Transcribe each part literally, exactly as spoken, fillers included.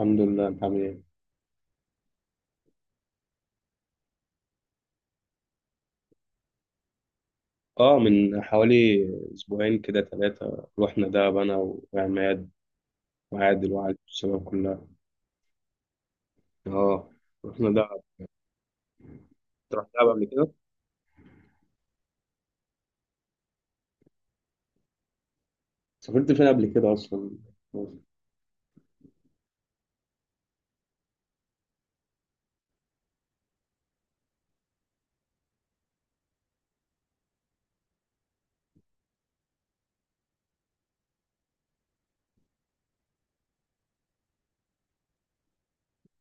الحمد لله، انت عامل ايه؟ اه، من حوالي اسبوعين كده ثلاثة رحنا دهب، انا وعماد وعادل وعادل الشباب كلها. اه رحنا دهب. أنت رحت دهب قبل كده؟ سافرت فين قبل كده اصلا؟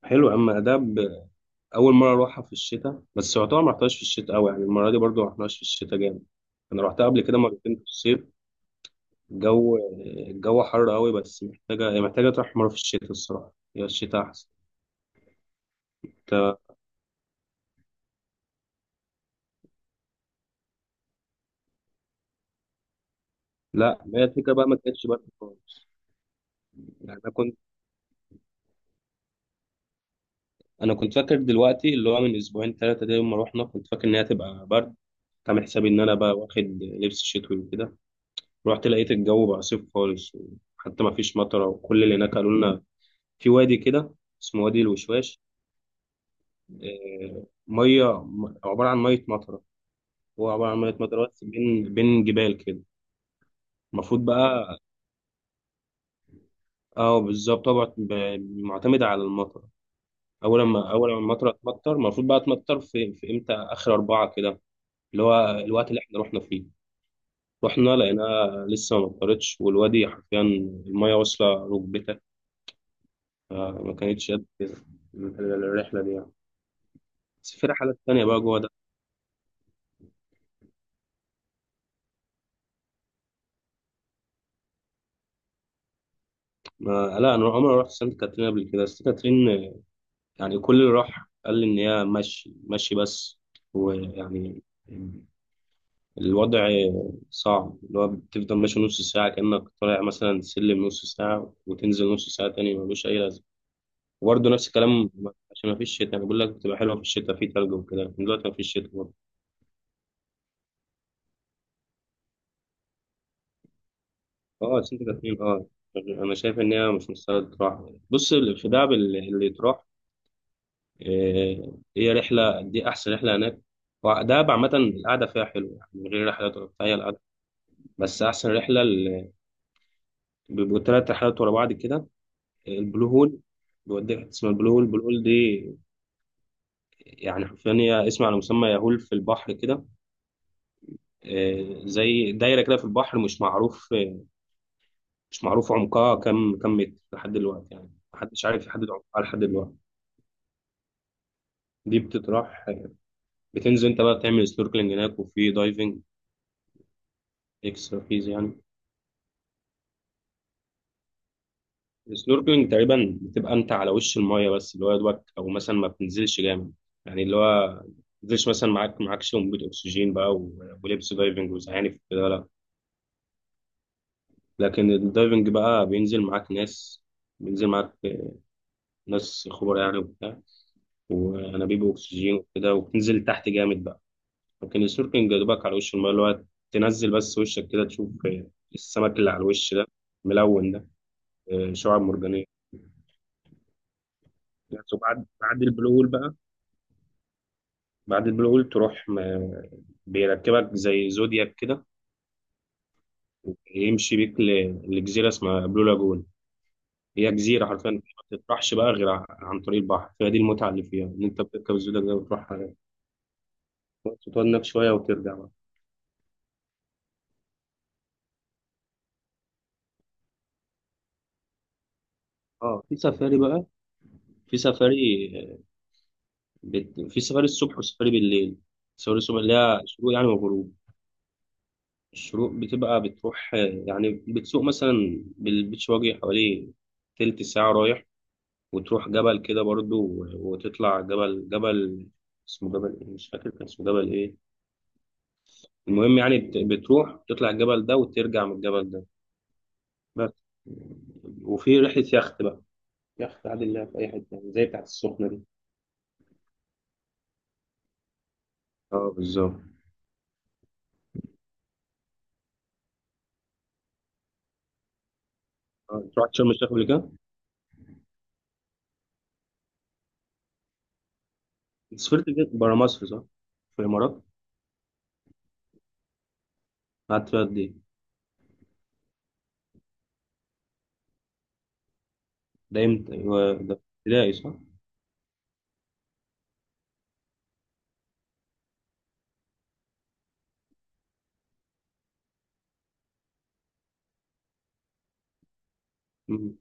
حلو يا عم دهب. اول مرة اروحها في الشتاء، بس يعتبر ما رحتهاش في الشتاء قوي، يعني المرة دي برضو ما رحناش في الشتاء جامد. انا رحتها قبل كده مرتين في الصيف. الجو الجو حر قوي، بس محتاجة هي محتاجة تروح مرة في الشتاء. الصراحة هي الشتاء احسن. لا، ما هي الفكرة بقى ما كانتش برد خالص. يعني أنا انا كنت فاكر دلوقتي اللي هو من اسبوعين ثلاثه ده، يوم ما رحنا كنت فاكر ان هي تبقى برد. كنت عامل حسابي ان انا بقى واخد لبس شتوي وكده. رحت لقيت الجو بقى صيف خالص، وحتى ما فيش مطره. وكل اللي هناك قالوا لنا في وادي كده اسمه وادي الوشواش. آه، ميه م- عباره عن ميه مطره. هو عباره عن ميه مطره، بس بين بين جبال كده. المفروض بقى، اه بالظبط طبعا، ب- معتمد على المطر. اول ما اول ما المطره تمطر المفروض بقى تمطر في في امتى، اخر اربعه كده، اللي هو الوقت اللي احنا رحنا فيه. رحنا لقيناها لسه ما امطرتش، والوادي حرفيا المية واصلة ركبتك. فما كانتش قد كده الرحلة دي يعني. بس في رحلات تانية بقى جوه ده. ما لا، أنا عمري ما رحت سانت كاترين قبل كده. سانت كاترين يعني كل اللي راح قال لي إن هي مشي مشي بس، ويعني الوضع صعب. اللي هو بتفضل ماشي نص ساعة، كأنك طالع مثلا سلم نص ساعة، وتنزل نص ساعة تاني، ملوش أي لازمة. وبرضه نفس الكلام، عشان ما فيش شتاء. أنا بقول لك بتبقى حلوة في الشتاء، في تلج وكده، لكن دلوقتي ما فيش شتاء. اه، سنت كاترين، اه، انا شايف ان هي مش مستاهله تروح. بص، في دهب اللي اللي تروح، آه، هي رحله دي احسن رحله هناك. ودهب عامه القعده فيها حلوه، يعني من غير رحلات ولا بتاع، هي القعده. بس احسن رحله اللي بيبقوا ثلاث رحلات ورا بعض كده، البلو هول. بيوديك حتة اسمها البلو هول. البلو هول دي يعني حرفيا هي اسم على مسمى، يهول في البحر كده. آه، زي دايره كده في البحر، مش معروف، مش معروف عمقها، كم كم متر لحد دلوقتي. يعني محدش عارف يحدد عمقها لحد دلوقتي. دي بتتراح، بتنزل انت بقى بتعمل سنوركلينج هناك، وفي دايفنج، اكسترا فيز يعني. السنوركلينج تقريبا بتبقى انت على وش المايه بس، اللي هو يا دوبك، او مثلا ما بتنزلش جامد. يعني اللي هو ما بتنزلش، مثلا معاك معاكش انبوبة اكسجين بقى، و- ولبس دايفنج وزعانف كده، لا. لكن الدايفنج بقى بينزل معاك ناس، بينزل معاك ناس خبراء يعني وبتاع، وانابيب اكسجين وكده، وبتنزل تحت جامد بقى. لكن السنوركلينج يا دوبك على وش المايه، اللي هو تنزل بس وشك كده تشوف السمك اللي على الوش ده، ملون ده، آه، شعاب مرجانية. بس، وبعد بعد البلو هول بقى، بعد البلو هول تروح، م- بيركبك زي زودياك كده، يمشي بيك ل- لجزيرة اسمها بلو لاجون. هي جزيرة حرفيا ما بتطرحش بقى غير ع- عن طريق البحر. فدي المتعة اللي فيها إن أنت بتركب الزودياك ده وتروح على- تقعد هناك شوية وترجع بقى. اه، في سفاري بقى، في سفاري، آه، بت... في سفاري الصبح وسفاري بالليل. سفاري الصبح اللي هي شروق يعني وغروب. الشروق بتبقى بتروح، يعني بتسوق مثلا بالبيتش، واجي حوالي تلت ساعة رايح، وتروح جبل كده برضو، وتطلع جبل جبل اسمه جبل إيه؟ مش فاكر كان اسمه جبل ايه. المهم يعني بت- بتروح تطلع الجبل ده وترجع من الجبل ده بس. وفي رحلة يخت بقى، يخت عادي اللي في أي حتة، يعني زي بتاعت السخنة دي. اه بالظبط. آه، رحت شرم الشيخ قبل كده؟ أنت سافرت فين؟ برا مصر صح؟ في الإمارات؟ قعدت فيها قد إيه؟ ده إمتى؟ هو ده ابتدائي صح؟ مم.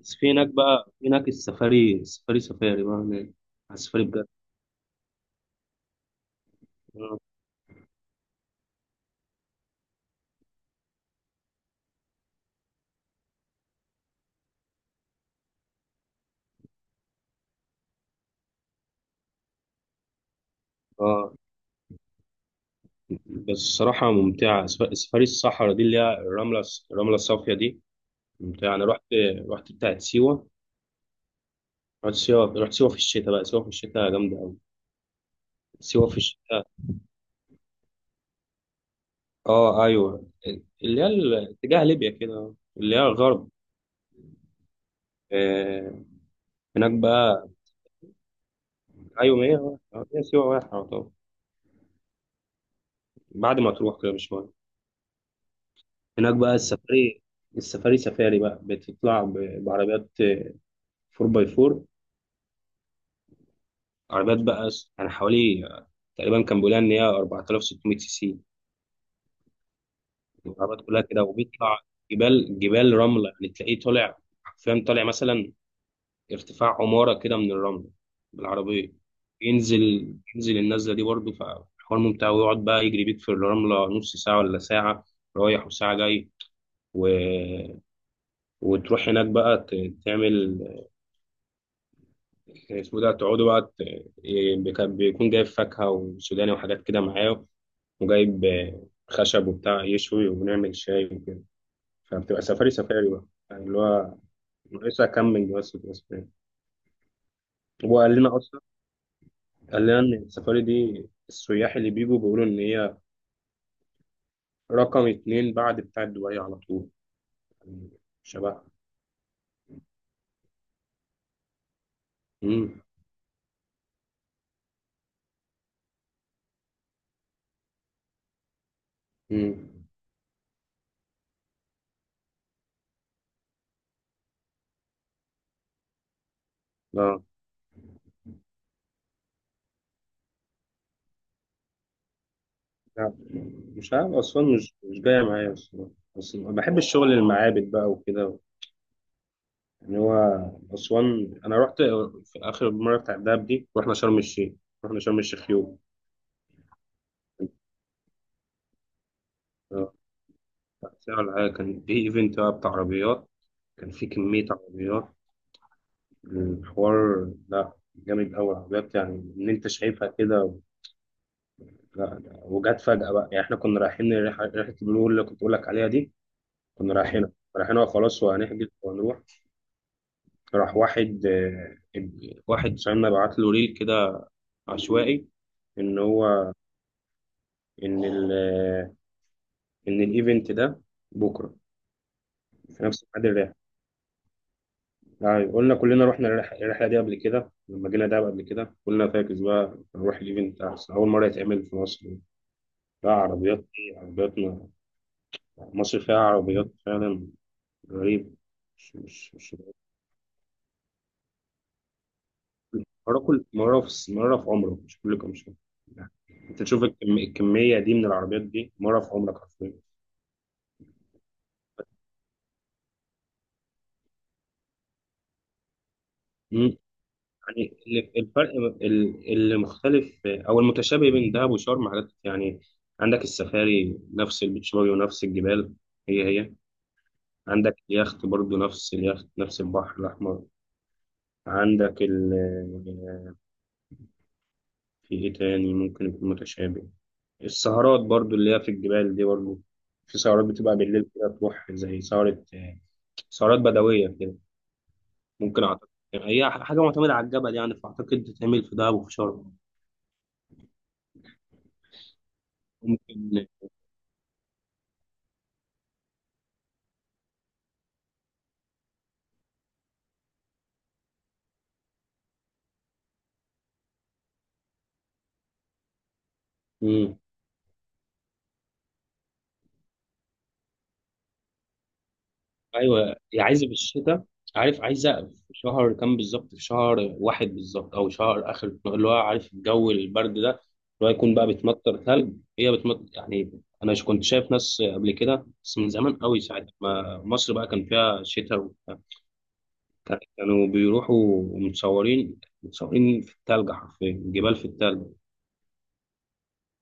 بس في هناك بقى، في هناك السفاري السفاري سفاري بقى هناك، على السفاري بجد. اه، آه. بس الصراحة ممتعة، سف- سفاري الصحراء دي، اللي هي الرملة الص- الرملة الصافية دي، ممتعة. أنا رحت، رحت بتاعت سيوة. رحت سيوة رحت سيوة في الشتاء بقى، سيوة في الشتاء جامدة أوي. سيوة في الشتاء، اه أيوه، اللي هي ال- اتجاه ليبيا كده، اللي هي الغرب. آه. هناك بقى، أيوه، ما هي، آه، هي سيوة واحد طبعا. بعد ما تروح كده بشوية، هناك بقى السفاري. السفاري سفاري بقى بتطلع ب- بعربيات أربعة باي أربعة، عربيات بقى، س- يعني حوالي، تقريبا كان بيقولها ان هي أربعة آلاف وستمية سي سي. العربيات كلها كده، وبيطلع جبال، جبال رملة، يعني تلاقيه طالع، حرفيا طالع مثلا ارتفاع عمارة كده من الرملة بالعربية، ينزل ينزل النزلة دي برضه، فحوار ممتع. ويقعد بقى يجري بيك في الرملة، نص ساعة ولا ساعة رايح، وساعة جاي، و... وتروح هناك بقى، ت- تعمل اسمه ده، تقعدوا بقى، ت- إيه، كان بيكون جايب فاكهة وسوداني وحاجات كده معاه، وجايب آه، خشب وبتاع، يشوي ونعمل شاي وكده. فبتبقى سفاري سفاري بقى، يعني اللي هو ناقصها كام من جواز بتبقى سفاري. هو قال لنا أصلا، قال لنا إن السفاري دي السياح اللي بيجوا بيقولوا إن هي رقم اتنين بعد بتاع دبي على طول، يعني شبه. مم. مم. لا لا، مش عارف أسوان. مش مش جاية معايا أصلا، بس بحب الشغل المعابد بقى وكده. يعني هو أسوان، أنا رحت في آخر مرة بتاع الدهب دي. رحنا شرم الشيخ، رحنا شرم الشيخ يوم. آه، ساعة ولا حاجة. كان في إيفنت بقى بتاع عربيات، كان في كمية عربيات. الحوار لا، جامد أوي عربيات، يعني إن أنت شايفها كده. لا لا، وجت فجأة بقى، يعني إحنا كنا رايحين، ريحة ريحة البلو اللي كنت بقول لك عليها دي، كنا رايحينها، رايحينها خلاص، وهنحجز وهنروح. راح واحد آه، واحد صاحبنا بعت له ريل كده عشوائي، إن هو، إن ال ان الايفنت ده بكره، في نفس ميعاد الرحله. يعني قلنا، كلنا رحنا الرح- الرحله دي قبل كده، لما جينا دهب قبل كده قلنا فاكس بقى، نروح الايفنت احسن، اول مره يتعمل في مصر. بقى عربيات ايه، عربيات م- مصر فيها عربيات فعلا، غريب. مش مش مش مره كل مره، في مره في عمرك، مش كل كام شهر يعني. انت تشوف الكم- الكميه دي من العربيات دي مره في عمرك حرفيا. يعني ال- الفرق، ب- ال- اللي مختلف او المتشابه بين دهب وشرم، حاجات يعني. عندك السفاري، نفس البيتش باجي، ونفس الجبال، هي هي. عندك يخت برضو، نفس اليخت، نفس البحر الاحمر. عندك ال في ايه تاني ممكن يكون متشابه؟ السهرات برضو، اللي هي في الجبال دي برضو، في سهرات بتبقى بالليل كده، تروح زي سهرة، سهرات بدوية كده. ممكن، أعتقد يعني هي حاجة معتمدة على الجبل، يعني فأعتقد تتعمل في دهب وفي شرم. ممكن. ايوه، هي عايزه بالشتاء. عارف عايزه في شهر كام بالظبط، في شهر واحد بالظبط، او شهر اخر، اللي هو عارف، الجو البرد ده، اللي هو يكون بقى بتمطر ثلج. هي بتمطر، يعني انا ش- كنت شايف ناس قبل كده، بس من زمان قوي، ساعه ما مصر بقى كان فيها شتاء وبتاع. كان- كانوا بيروحوا متصورين، متصورين في الثلج حرفيا، جبال في الثلج.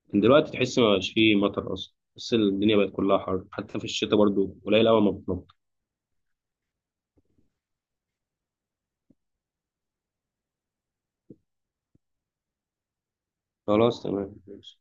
لكن دلوقتي تحس ما بقاش فيه مطر اصلا، بس الدنيا بقت كلها حر، حتى في الشتاء برضو قليل قوي ما بتمطر. خلاص، تمام، ماشي.